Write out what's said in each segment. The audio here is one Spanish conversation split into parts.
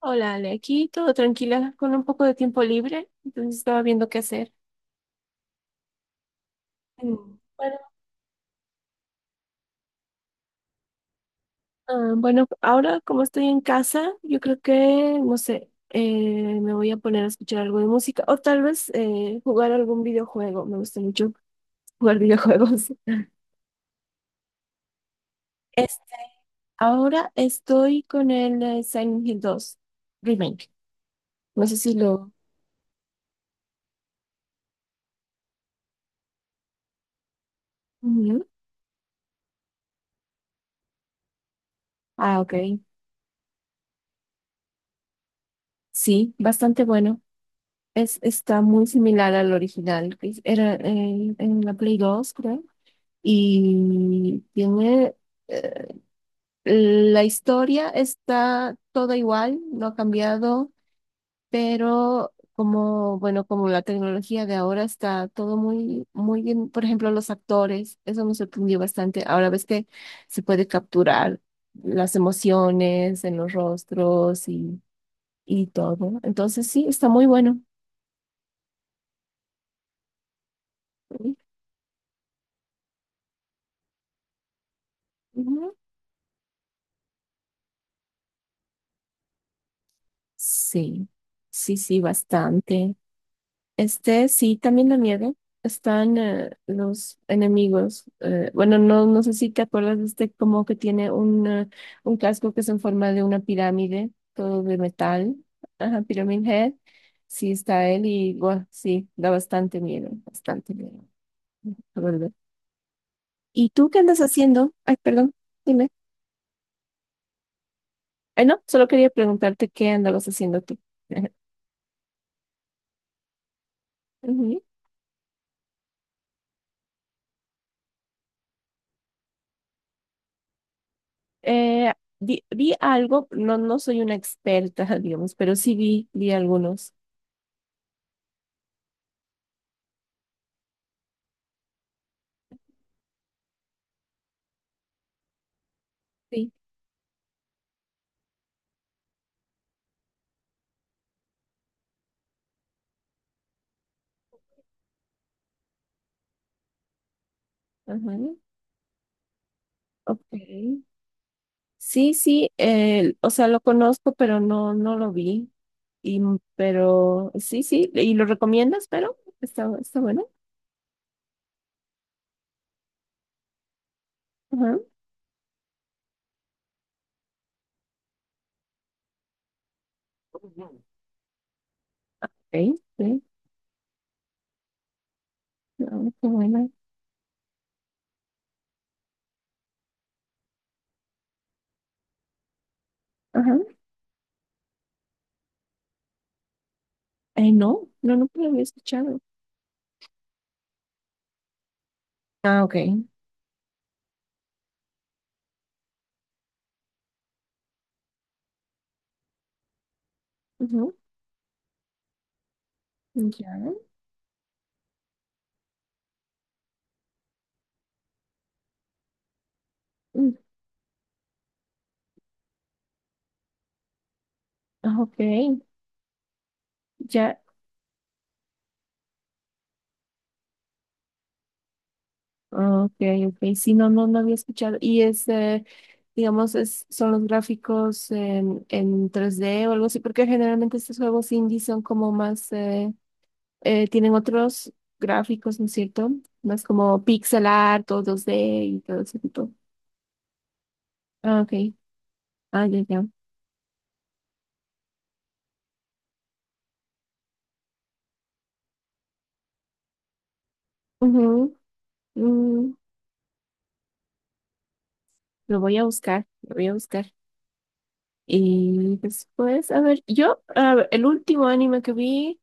Hola, Ale, aquí todo tranquila, con un poco de tiempo libre, entonces estaba viendo qué hacer. Mm. Bueno, bueno, ahora como estoy en casa, yo creo que no sé, me voy a poner a escuchar algo de música o tal vez jugar algún videojuego. Me gusta mucho jugar videojuegos. Este, ahora estoy con el Silent Hill 2 Remake. No sé si lo... Ujú. Ah, ok. Sí, bastante bueno. Está muy similar al original, que era en la Play 2, creo. Y tiene... eh, la historia está toda igual, no ha cambiado, pero como, bueno, como la tecnología de ahora, está todo muy, muy bien. Por ejemplo, los actores, eso me sorprendió bastante. Ahora ves que se puede capturar las emociones en los rostros y todo. Entonces, sí, está muy bueno. Ujú. Sí, sí, bastante. Este, sí, también la nieve. Están los enemigos. Bueno, no, no sé si te acuerdas de este, como que tiene un casco que es en forma de una pirámide, todo de metal. Ajá, Pyramid Head. Sí, está él y bueno, sí, da bastante miedo, bastante miedo, la verdad. ¿Y tú qué andas haciendo? Ay, perdón, dime. Ay, no, solo quería preguntarte qué andabas haciendo tú. Ujú. Eh, vi algo, no, no soy una experta, digamos, pero sí vi, vi algunos. Sí, ajá. Ok. Sí, sí, o sea, lo conozco, pero no, no lo vi. Pero sí, sí, ¿y lo recomiendas? Pero está, está bueno. Ajá. Ok, sí, no, qué buena. Ajá. No, no, nunca lo había escuchado. Ah, ok. Ujú. Ya. Mm, ah, ok, ya. Ah, ok, ok. Sí, no, no, no había escuchado. Y es, digamos, ¿es, son los gráficos en 3D o algo así? Porque generalmente estos juegos indie son como más, tienen otros gráficos, ¿no es cierto? Más como pixel art o 2D y todo ese tipo. Ah, ok. Ah, ya, ya. Ujú. Mm, lo voy a buscar, lo voy a buscar. Y después, a ver, yo, a ver, el último anime que vi.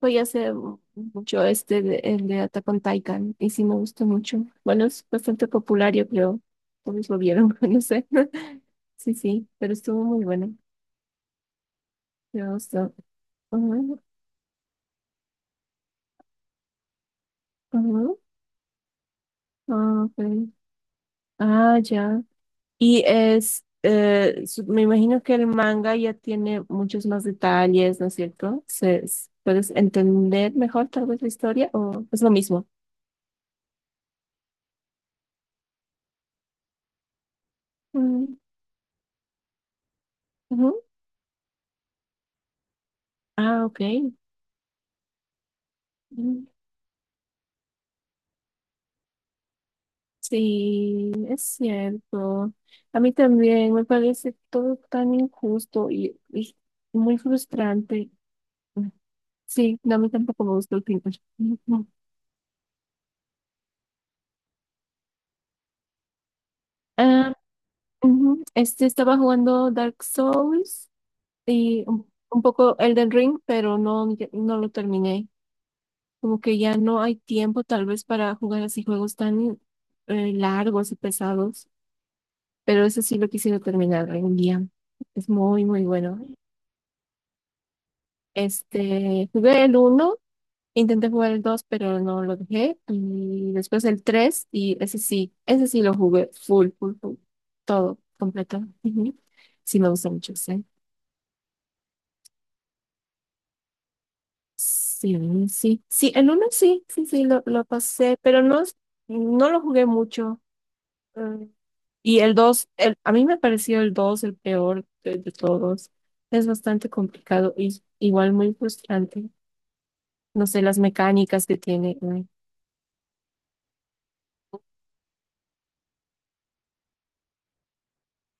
Voy a hacer mucho el de Attack on Titan, y sí me gustó mucho. Bueno, es bastante popular, yo creo. Todos lo vieron, no sé. Sí, sí, pero estuvo muy bueno. Me gustó. Ujú, ujú, ah, ok. Ah, ya. Y es, me imagino que el manga ya tiene muchos más detalles, ¿no es cierto? ¿Puedes entender mejor tal vez la historia o es lo mismo? Mm, ujú. Ah, ok. Sí, es cierto. A mí también me parece todo tan injusto y muy frustrante. Sí, no, a mí tampoco me gusta el pintor. Ah, ujú. Este, estaba jugando Dark Souls y un poco Elden Ring, pero no, ya- no lo terminé. Como que ya no hay tiempo tal vez para jugar así juegos tan largos y pesados, pero eso sí lo quisiera terminar algún día. Es muy, muy bueno. Este, jugué el uno, intenté jugar el 2 pero no lo dejé. Y después el 3 y ese sí lo jugué full, full, full. Todo, completo. Ujú. Sí, me gusta mucho ese. Sí, sí. Sí, el uno sí, sí, sí, lo pasé, pero no, es- no lo jugué mucho. Eh, Y el dos, el, a mí me pareció el 2 el peor de todos. Es bastante complicado y igual muy frustrante. No sé, las mecánicas que tiene.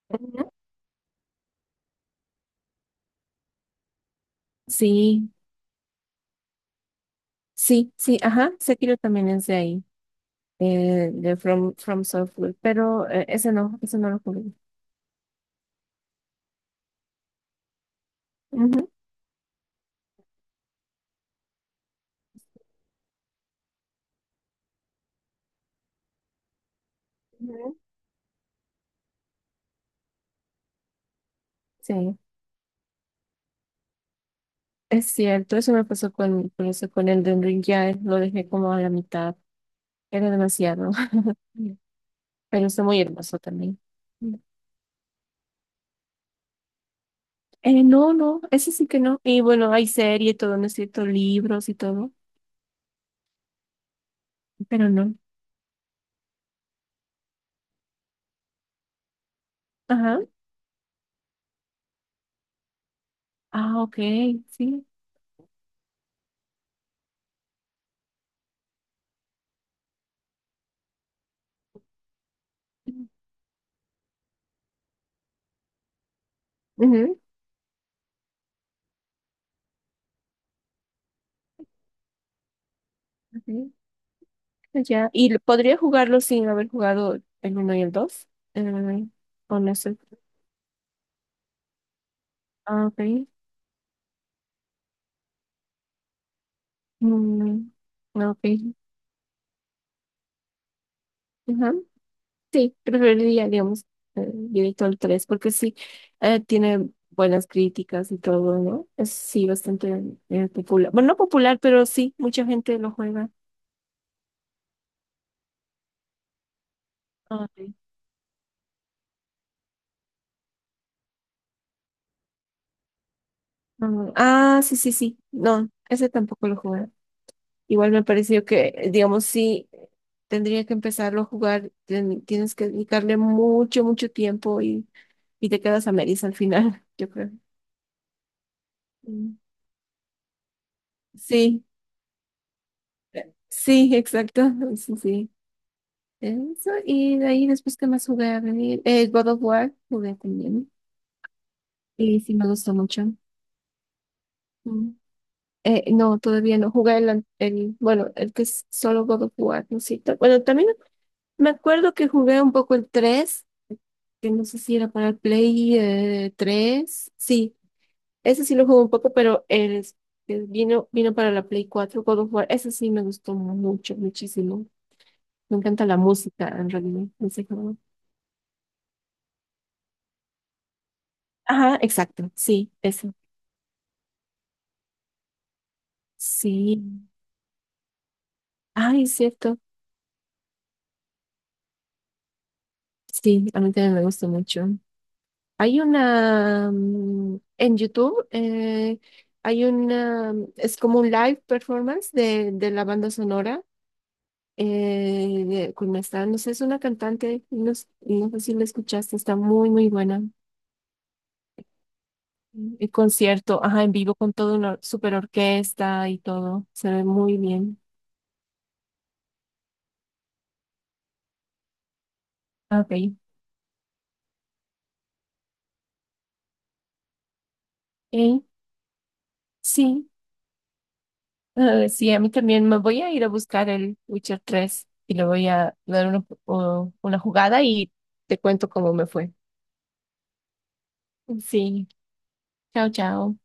Ujú. Sí, sí, sí, ajá, Sekiro también es de ahí, de From Software, pero ese no lo jugué. Ujú, ujú. Sí, es cierto, eso me pasó con eso, con Elden Ring, ya lo dejé como a la mitad, era demasiado, pero está muy hermoso también. Mm. No, no, ese sí que no, y bueno, hay serie y todo, ¿no es cierto? Libros y todo, pero no, ajá, ah, ok, sí. Ujú. Ya, ¿y lo- podría jugarlo sin haber jugado el uno y el dos? Eh, o no sé. Ah, ok. Mm, ah, ok. Ajá. Sí, preferiría, digamos, directo al 3 porque sí, tiene buenas críticas y todo, ¿no? Es sí bastante popular. Bueno, no popular, pero sí, mucha gente lo juega. Ah, ok. Ah, ah, sí, sí, sí. No, ese tampoco lo jugué. Igual me pareció que, digamos, sí, tendría que empezarlo a jugar, tienes que dedicarle mucho, mucho tiempo y te quedas a medias al final, yo creo. Mm. Sí, sí, exacto, sí, sí. Eso, y de ahí después, ¿qué más jugué a venir? God of War jugué también, y sí me gustó mucho. Mm. No, todavía no, jugué bueno, el que es solo God of War, ¿no es cierto? Bueno, también me acuerdo que jugué un poco el tres, que no sé si era para el Play 3. Sí, ese sí lo jugué un poco, pero el que vino para la Play 4, God of War. Ese sí me gustó mucho, muchísimo. Me encanta la música, en realidad, en ese juego. Ajá, exacto, sí, eso. Sí. Ay, es cierto. Sí, a mí también me gusta mucho. Hay una en YouTube, hay una, es como un live performance de la banda sonora con esta, no sé, es una cantante, no, no sé si la escuchaste, está muy, muy buena. Mm, el concierto, ajá, en vivo con toda una super orquesta y todo, se ve muy bien. Ok, eh, sí, ah, sí, a mí también me voy a ir a buscar el Witcher 3 y le voy a dar una jugada y te cuento cómo me fue. Sí, chao, chao.